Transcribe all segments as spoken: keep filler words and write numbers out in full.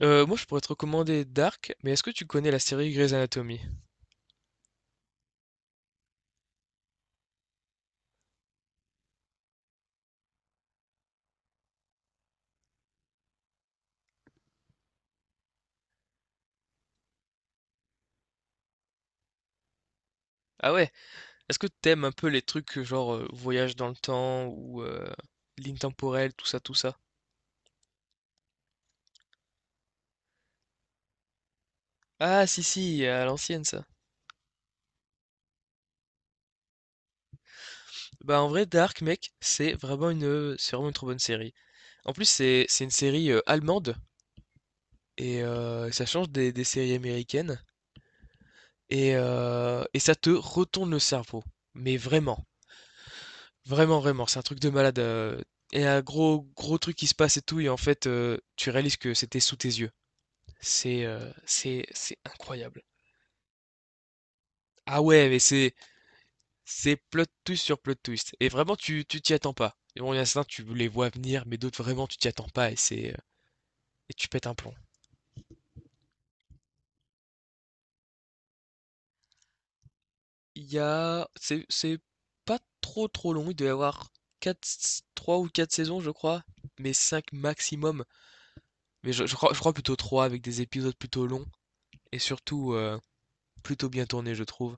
Heu, moi, je pourrais te recommander Dark, mais est-ce que tu connais la série Grey's Anatomy? Ah ouais? Est-ce que t'aimes un peu les trucs, heu, genre, heu, voyage dans le temps ou, heu, ligne temporelle, tout ça, tout ça? Ah si, si, à l'ancienne ça. Bah, en vrai, Dark, mec, c'est vraiment une, c'est vraiment une trop bonne série. En plus, c'est c'est une série, heu, allemande et heu, ça change des des séries américaines et heu et ça te retourne le cerveau, mais vraiment. Vraiment, vraiment, c'est un truc de malade. Euh, et un gros, gros truc qui se passe et tout, et en fait, euh, tu réalises que c'était sous tes yeux. C'est, euh, c'est, c'est incroyable. Ah ouais, mais c'est, c'est plot twist sur plot twist. Et vraiment, tu, tu t'y attends pas. Et bon, il y en a certains, tu les vois venir, mais d'autres, vraiment, tu t'y attends pas, et c'est, euh, et tu pètes un plomb. Il y a, c'est, c'est pas trop, trop long. Il doit y avoir quatre, trois ou quatre saisons, je crois, mais cinq maximum. Mais je, je crois, je crois plutôt trois avec des épisodes plutôt longs. Et surtout, euh, plutôt bien tourné, je trouve.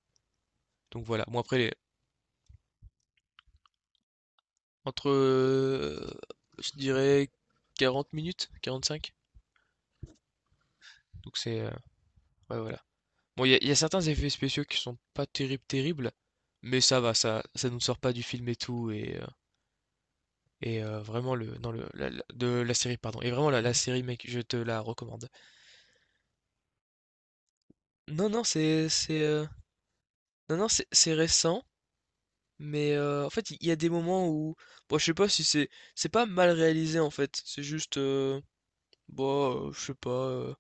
Donc voilà. Bon, après, les- entre, euh, je dirais, quarante minutes, quarante-cinq. Donc c'est. Euh, ouais, voilà. Bon, il y, a il y a certains effets spéciaux qui sont pas terribles, terribles. Mais ça va, ça, ça nous sort pas du film et tout. Et, euh, et euh, vraiment, le, non le, la, la- de la série, pardon. Et vraiment, la, la série, mec, je te la recommande. Non, non, c'est, c'est, euh, non, non, c'est c'est récent. Mais euh, en fait, il y a des moments où. Bon, je sais pas si c'est. C'est pas mal réalisé en fait, c'est juste. Euh, bon, heu, je sais pas, heu,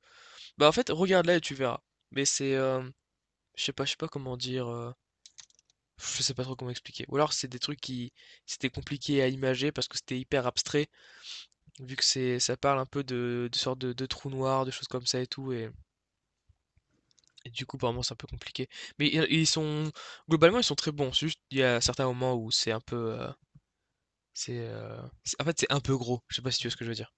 bah, en fait, regarde-la et tu verras. Mais c'est, hem, je sais pas je sais pas comment dire, heu, je sais pas trop comment expliquer. Ou alors c'est des trucs qui c'était compliqué à imager parce que c'était hyper abstrait, vu que c'est ça parle un peu de de sortes de de trous noirs, de choses comme ça et tout et et du coup, par moments, c'est un peu compliqué. Mais il ils sont globalement, ils sont très bons, c'est juste il y a certains moments où c'est un peu, heu, c'est, heu, c'est en fait, c'est un peu gros. Je sais pas si tu vois ce que je veux dire?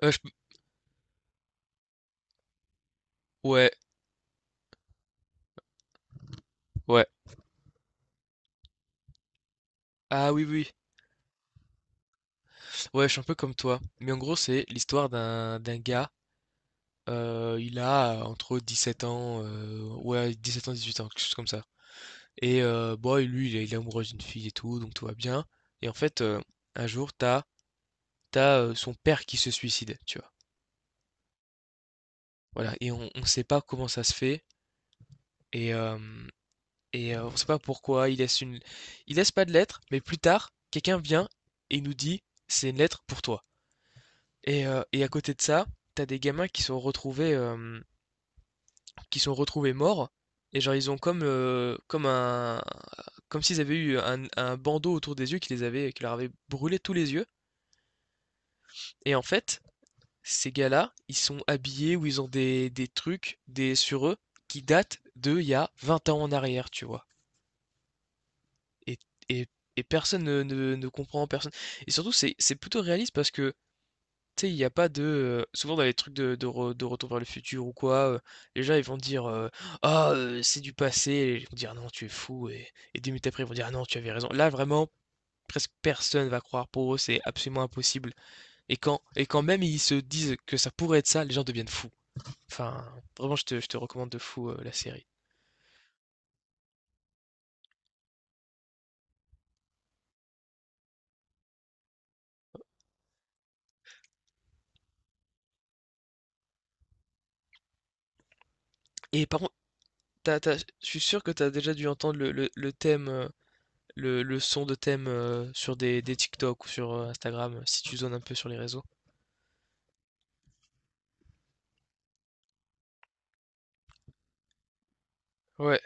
Heu, je p Ouais, ouais. Ah oui, oui. Ouais, je suis un peu comme toi. Mais en gros, c'est l'histoire d'un d'un gars, heu, il a, heu, entre sept ans, heu, ouais sept ans, dix huit ans, quelque chose comme ça. Et euh, bon, bah, lui, il est il est amoureux d'une fille et tout, donc tout va bien. Et en fait, heu, un jour, t'as t'as as, son père qui se suicide, tu vois? Voilà. Et on on sait pas comment ça se fait et hem et heu, on ne sait pas pourquoi, il laisse une il laisse pas de lettre, mais plus tard, quelqu'un vient et nous dit: «C'est une lettre pour toi». Et heu et à côté de ça, t'as des gamins qui sont retrouvés, hem, qui sont retrouvés morts et genre ils ont comme, heu, comme un comme s'ils avaient eu un un bandeau autour des yeux qui les avait qui leur avait brûlé tous les yeux. Et en fait, ces gars-là, ils sont habillés ou ils ont des des trucs, des sur eux, qui datent d'il y a vingt ans en arrière, tu vois? Et, et, et personne ne, ne, ne comprend, personne. Et surtout, c'est, c'est plutôt réaliste parce que, tu sais, il n'y a pas de. Euh, souvent, dans les trucs de, de, re- de Retour vers le futur ou quoi, euh, les gens, ils vont dire, euh, ah, euh, c'est du passé. Et ils vont dire, ah non, tu es fou. Et, et deux minutes après, ils vont dire, ah non, tu avais raison. Là, vraiment, presque personne va croire pour eux, c'est absolument impossible. Et quand, et quand même ils se disent que ça pourrait être ça, les gens deviennent fous. Enfin, vraiment, je te, je te recommande de fou, euh, la série. Et par contre, t'as- t'as- je suis sûr que tu as déjà dû entendre le, le- le thème, euh, le, le son de thème, euh, sur des, des TikTok ou sur euh, Instagram, euh, si tu zones un peu sur les réseaux. Ouais.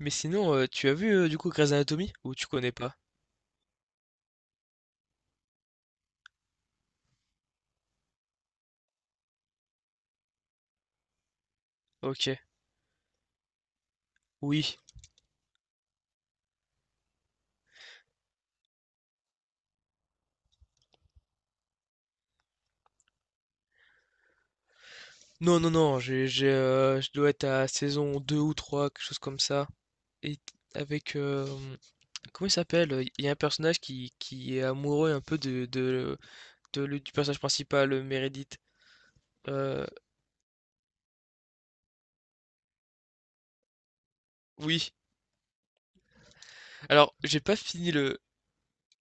Mais sinon, euh, tu as vu, euh, du coup, Grey's Anatomy? Ou tu connais pas? Ok. Oui. Non, non, non, j'ai, j'ai, euh, je dois être à saison deux ou trois, quelque chose comme ça. Et avec... euh, comment il s'appelle? Il y a un personnage qui, qui est amoureux un peu de, de, de- du personnage principal, Meredith. Heu, oui. Alors, j'ai pas fini le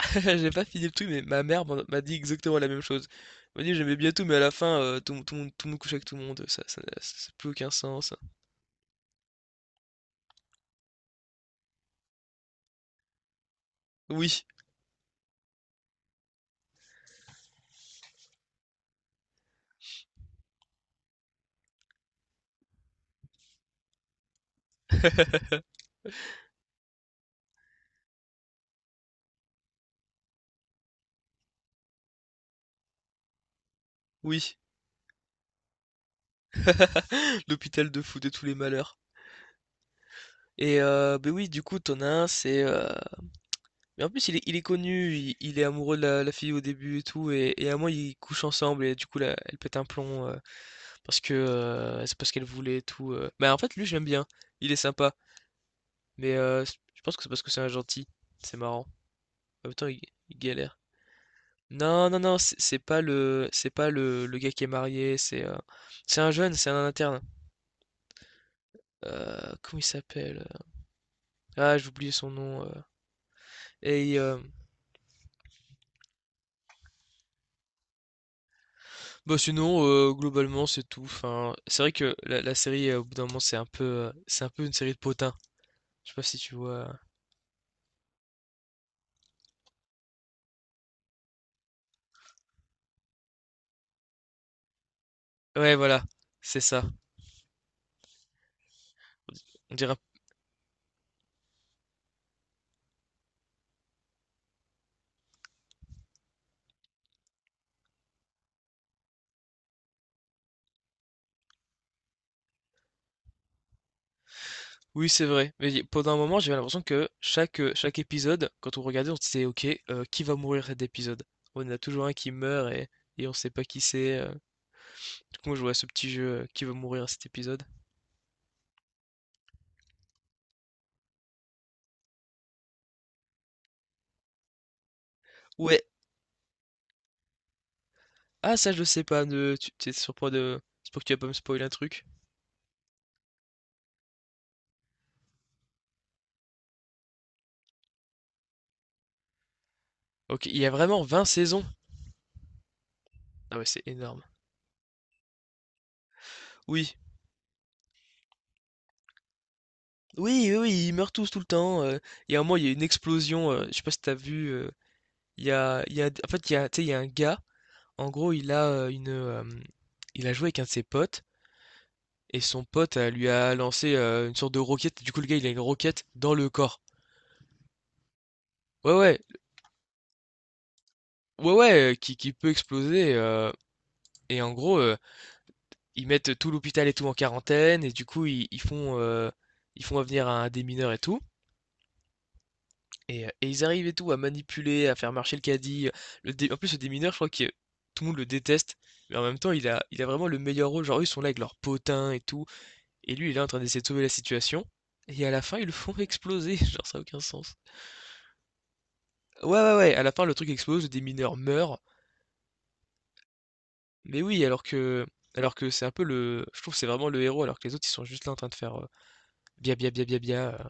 j'ai pas fini le truc, mais ma mère m'en m'a dit exactement la même chose. Elle m'a dit: «J'aimais bien tout, mais à la fin, heu, tout tout le monde tout le monde couchait avec tout le monde, ça ça n'a ça a plus aucun sens». Oui, oui, l'hôpital de fou de tous les malheurs. Et heu, beh, oui, du coup, tu as un, c'est, heu mais en plus, il est il est connu, il il est amoureux de la la fille au début et tout et et à moi ils couchent ensemble et du coup, là, elle pète un plomb, heu, parce que, heu, c'est parce qu'elle voulait et tout, heu, bah, en fait, lui, j'aime bien, il est sympa. Mais euh, c- je pense que c'est parce que c'est un gentil. C'est marrant. En même temps, il, il galère. Non, non, non, c'est c'est pas le, c'est pas le, le gars qui est marié. C'est, euh, c'est un jeune, c'est un interne. Euh, comment il s'appelle? Ah, j'ai oublié son nom. euh. Et euh, bah, sinon, euh, globalement, c'est tout. Enfin, c'est vrai que la, la série, euh, au bout d'un moment, c'est un peu, euh, c'est un peu une série de potins. Je sais pas si tu vois. Ouais, voilà, c'est ça. On dirait. Oui, c'est vrai. Mais y- pendant un moment, j'avais l'impression que chaque, euh, chaque épisode, quand on regardait, on se disait, OK, euh, qui va mourir cet épisode? On a toujours un qui meurt, et, et on sait pas qui c'est. euh. Du coup, moi, je jouais à ce petit jeu, euh, qui va mourir cet épisode? Ouais. Ah, ça, je sais pas. Ne, tu t'es sur point de. C'est pour que tu vas pas me spoiler un truc. Ok, il y a vraiment vingt saisons. Ah ouais, c'est énorme. Oui. Oui, oui, oui, ils meurent tous tout le temps. euh. Il y a un moment, il y a une explosion. Euh, je sais pas si t'as vu. euh, Il y a, il y a, en fait, il y a, tu sais, il y a un gars. En gros, il a, heu, une, hem, il a joué avec un de ses potes et son pote, heu, lui a lancé, heu, une sorte de roquette. Du coup, le gars, il a une roquette dans le corps. Ouais, ouais, ouais, ouais, heu, qui qui peut exploser, heu et en gros, heu, ils mettent tout l'hôpital et tout en quarantaine et du coup, ils ils font, heu, ils font venir un démineur et tout et heu et ils arrivent et tout à manipuler, à faire marcher le caddie, le dé en plus, le démineur, je crois que tout le monde le déteste, mais en même temps, il a il a vraiment le meilleur rôle. Genre, eux, ils sont là avec leurs potins et tout. Et lui, il est en train d'essayer de sauver la situation. Et à la fin, ils le font exploser. Genre, ça a aucun sens. Ouais, ouais, ouais. À la fin, le truc explose, des mineurs meurent. Mais oui, alors que, alors que c'est un peu le, je trouve que c'est vraiment le héros, alors que les autres, ils sont juste là en train de faire euh, bia bia bia bia bia. euh.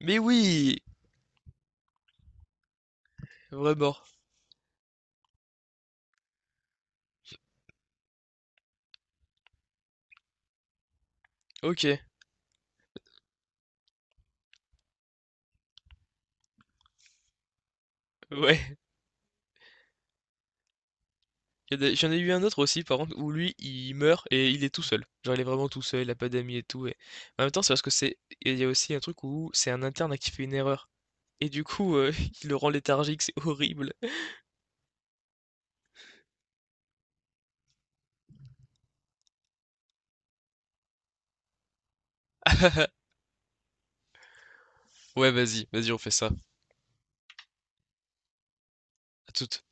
Mais oui, vraiment. Ok. Ouais, Il y a des- j'en ai eu un autre aussi par contre où lui il meurt et il est tout seul. Genre il est vraiment tout seul, il a pas d'amis et tout. Et... En même temps, c'est parce que c'est. Il y a aussi un truc où c'est un interne qui fait une erreur. Et du coup, euh, il le rend léthargique, c'est horrible. Ouais, vas-y, vas-y, on fait ça. À toute.